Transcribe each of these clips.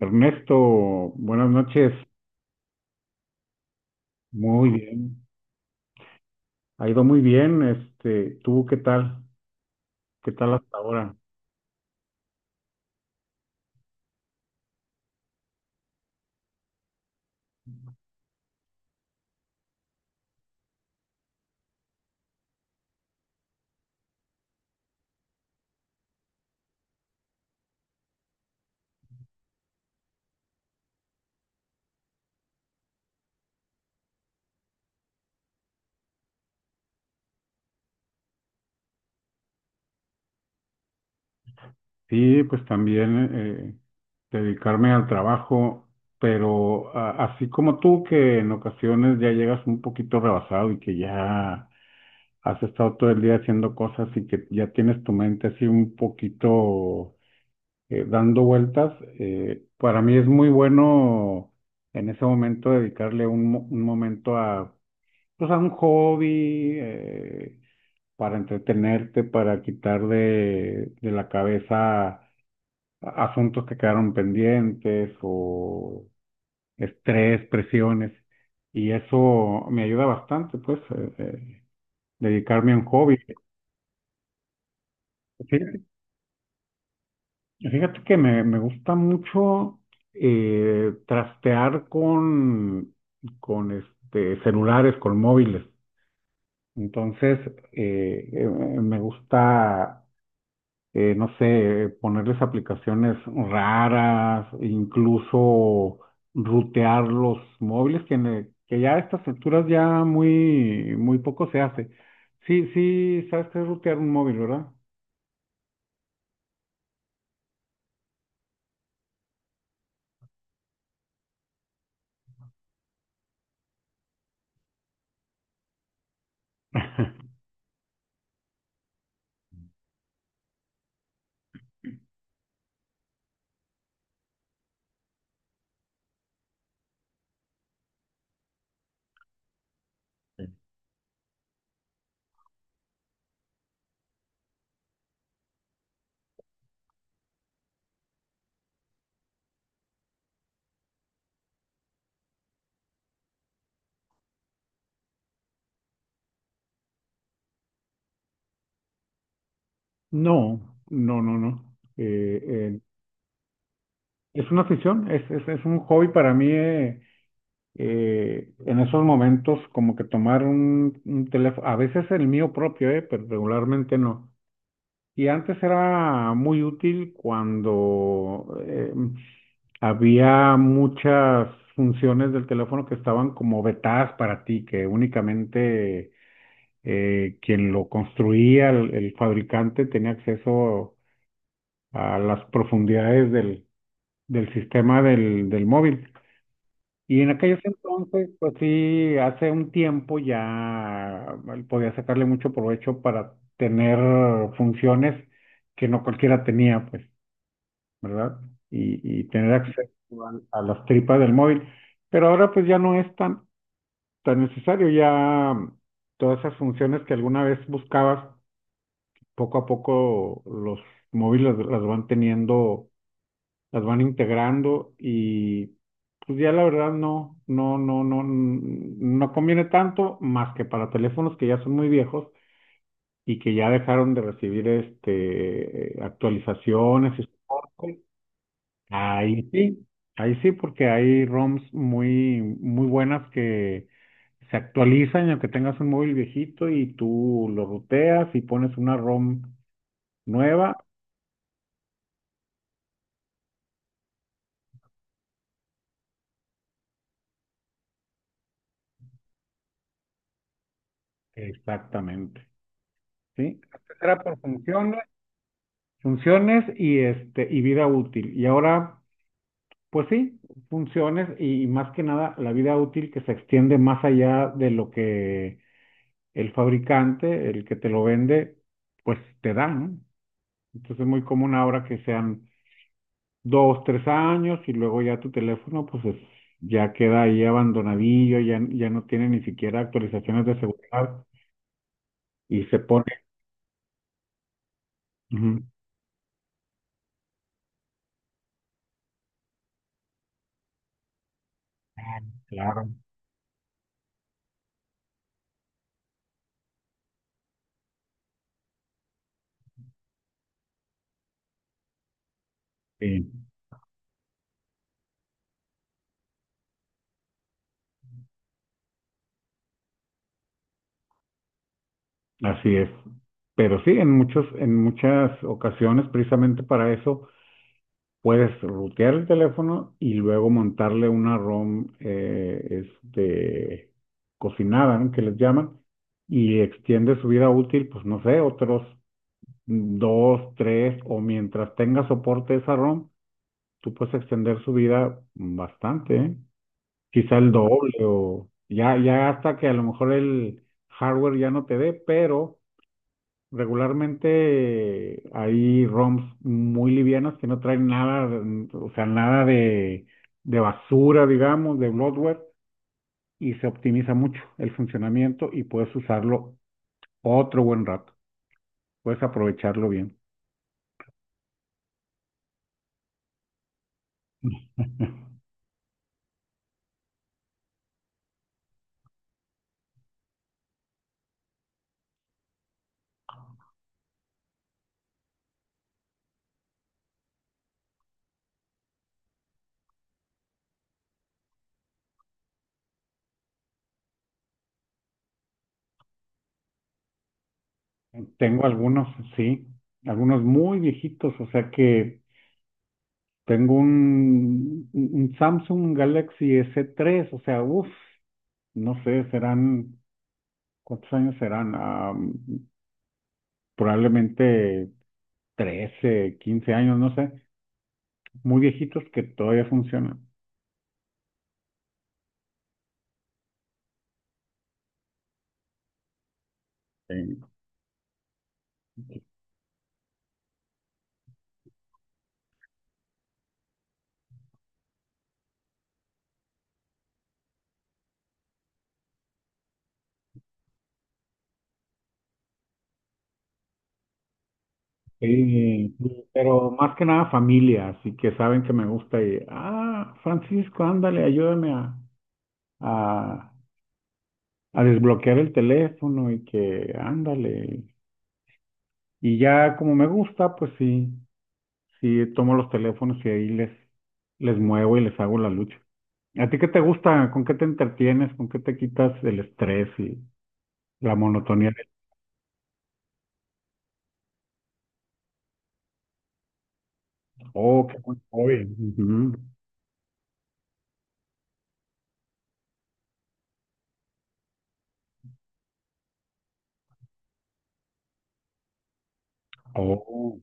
Ernesto, buenas noches. Muy bien. Ha ido muy bien. ¿Tú qué tal? ¿Qué tal hasta ahora? Sí, pues también dedicarme al trabajo, pero así como tú, que en ocasiones ya llegas un poquito rebasado y que ya has estado todo el día haciendo cosas y que ya tienes tu mente así un poquito dando vueltas. Para mí es muy bueno en ese momento dedicarle un momento a, o sea, un hobby, para entretenerte, para quitar de la cabeza asuntos que quedaron pendientes o estrés, presiones. Y eso me ayuda bastante, pues, dedicarme a un hobby. Fíjate, fíjate que me gusta mucho, trastear con este, celulares, con móviles. Entonces, me gusta, no sé, ponerles aplicaciones raras, incluso rutear los móviles, que, que ya a estas alturas ya muy, muy poco se hace. Sí, sí, sabes qué es rutear un móvil, ¿verdad? No, no, no, no. Eh, es una afición, es un hobby para mí. En esos momentos, como que tomar un teléfono, a veces el mío propio, pero regularmente no. Y antes era muy útil cuando había muchas funciones del teléfono que estaban como vetadas para ti, que únicamente quien lo construía, el fabricante, tenía acceso a las profundidades del sistema del móvil. Y en aquellos entonces, pues sí, hace un tiempo ya podía sacarle mucho provecho para tener funciones que no cualquiera tenía, pues. ¿Verdad? Y tener acceso a las tripas del móvil. Pero ahora pues ya no es tan necesario, ya todas esas funciones que alguna vez buscabas, poco a poco los móviles las van teniendo, las van integrando y pues ya la verdad no, mm, no conviene tanto más que para teléfonos que ya son muy viejos y que ya dejaron de recibir este actualizaciones y soporte. Ahí sí, ahí sí, porque hay ROMs muy, muy buenas que se actualizan, y aunque tengas un móvil viejito y tú lo ruteas y pones una ROM nueva, exactamente, ¿sí? Antes era por funciones, funciones y este, y vida útil. Y ahora, pues sí, funciones y más que nada la vida útil que se extiende más allá de lo que el fabricante, el que te lo vende, pues te da, ¿no? Entonces es muy común ahora que sean dos, tres años y luego ya tu teléfono ya queda ahí abandonadillo, ya, ya no tiene ni siquiera actualizaciones de seguridad y se pone... Ujú. Ah, claro, sí, así es. Pero sí, en muchos, en muchas ocasiones, precisamente para eso, puedes rutear el teléfono y luego montarle una ROM, cocinada, ¿no? Que les llaman, y extiende su vida útil, pues no sé, otros dos, tres, o mientras tenga soporte esa ROM, tú puedes extender su vida bastante, ¿eh? Quizá el doble o ya, ya hasta que a lo mejor el hardware ya no te dé, pero regularmente hay ROMs muy livianas que no traen nada, mm, o sea, nada de basura, digamos, de bloatware, y se optimiza mucho el funcionamiento y puedes usarlo otro buen rato, puedes aprovecharlo bien. Tengo algunos, sí, algunos muy viejitos, o sea que tengo un Samsung Galaxy S3, o sea, uff, no sé, serán, ¿cuántos años serán? Ah, probablemente 13 15 años, no sé, muy viejitos que todavía funcionan. Sí. Sí, sí, pero más que nada familia, así que saben que me gusta y, ah, Francisco, ándale, ayúdame a a desbloquear el teléfono y que ándale. Y ya como me gusta, pues sí, sí tomo los teléfonos y ahí les, les muevo y les hago la lucha. ¿A ti qué te gusta? ¿Con qué te entretienes? ¿Con qué te quitas el estrés y la monotonía del... Oh, qué buen hobby. Ujú. Oh,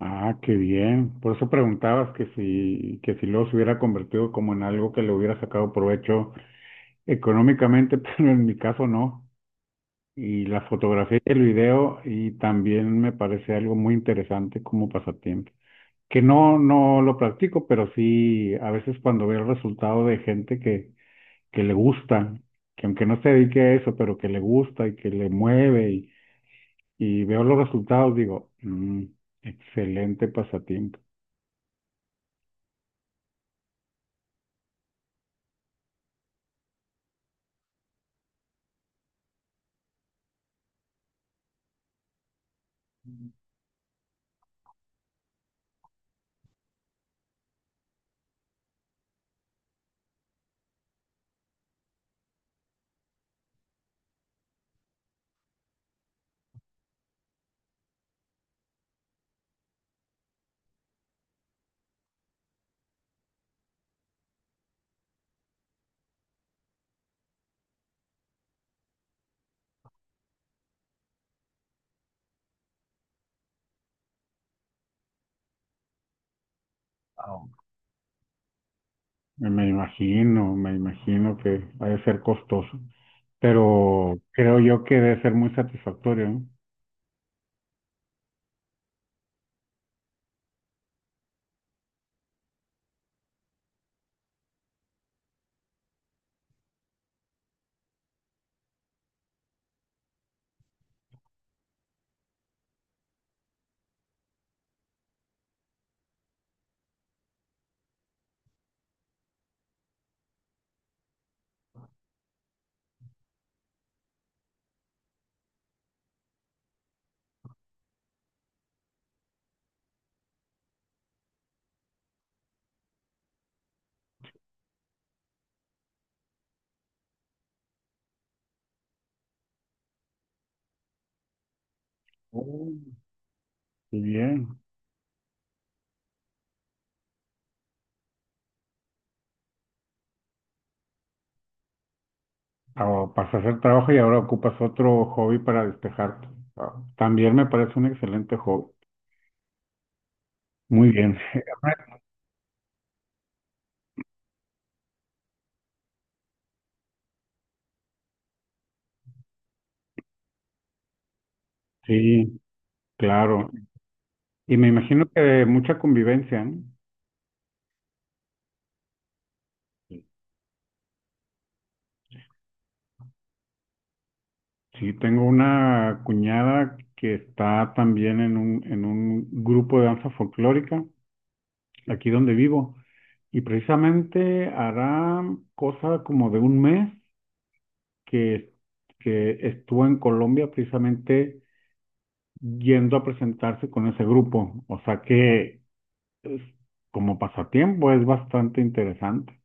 ah, qué bien. Por eso preguntabas que si luego se hubiera convertido como en algo que le hubiera sacado provecho económicamente, pero en mi caso no. Y la fotografía y el video, y también me parece algo muy interesante como pasatiempo, que no, no lo practico, pero sí a veces cuando veo el resultado de gente que le gusta, que aunque no se dedique a eso, pero que le gusta y que le mueve y veo los resultados, digo, "Mm, excelente pasatiempo". Wow. Me imagino, me imagino que ha de ser costoso, pero creo yo que debe ser muy satisfactorio, ¿no? Mm. Muy bien. O para hacer trabajo y ahora ocupas otro hobby para despejarte. Ah, también me parece un excelente hobby. Muy bien. Sí, claro. Y me imagino que mucha convivencia, ¿no? Sí, tengo una cuñada que está también en en un grupo de danza folclórica, aquí donde vivo, y precisamente hará cosa como de un mes que, que estuvo en Colombia precisamente yendo a presentarse con ese grupo. O sea que es- como pasatiempo es bastante interesante.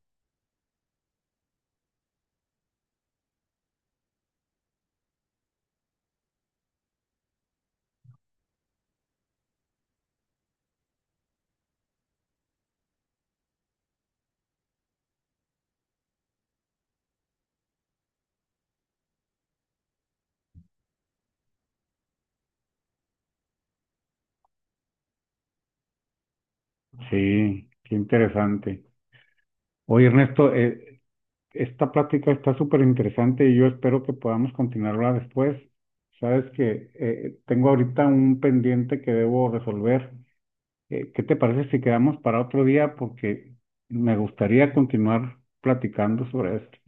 Sí, qué interesante. Oye, Ernesto, esta plática está súper interesante y yo espero que podamos continuarla después. Sabes que tengo ahorita un pendiente que debo resolver. ¿Qué te parece si quedamos para otro día? Porque me gustaría continuar platicando sobre esto.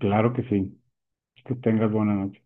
Claro que sí. Que tengas buena noche.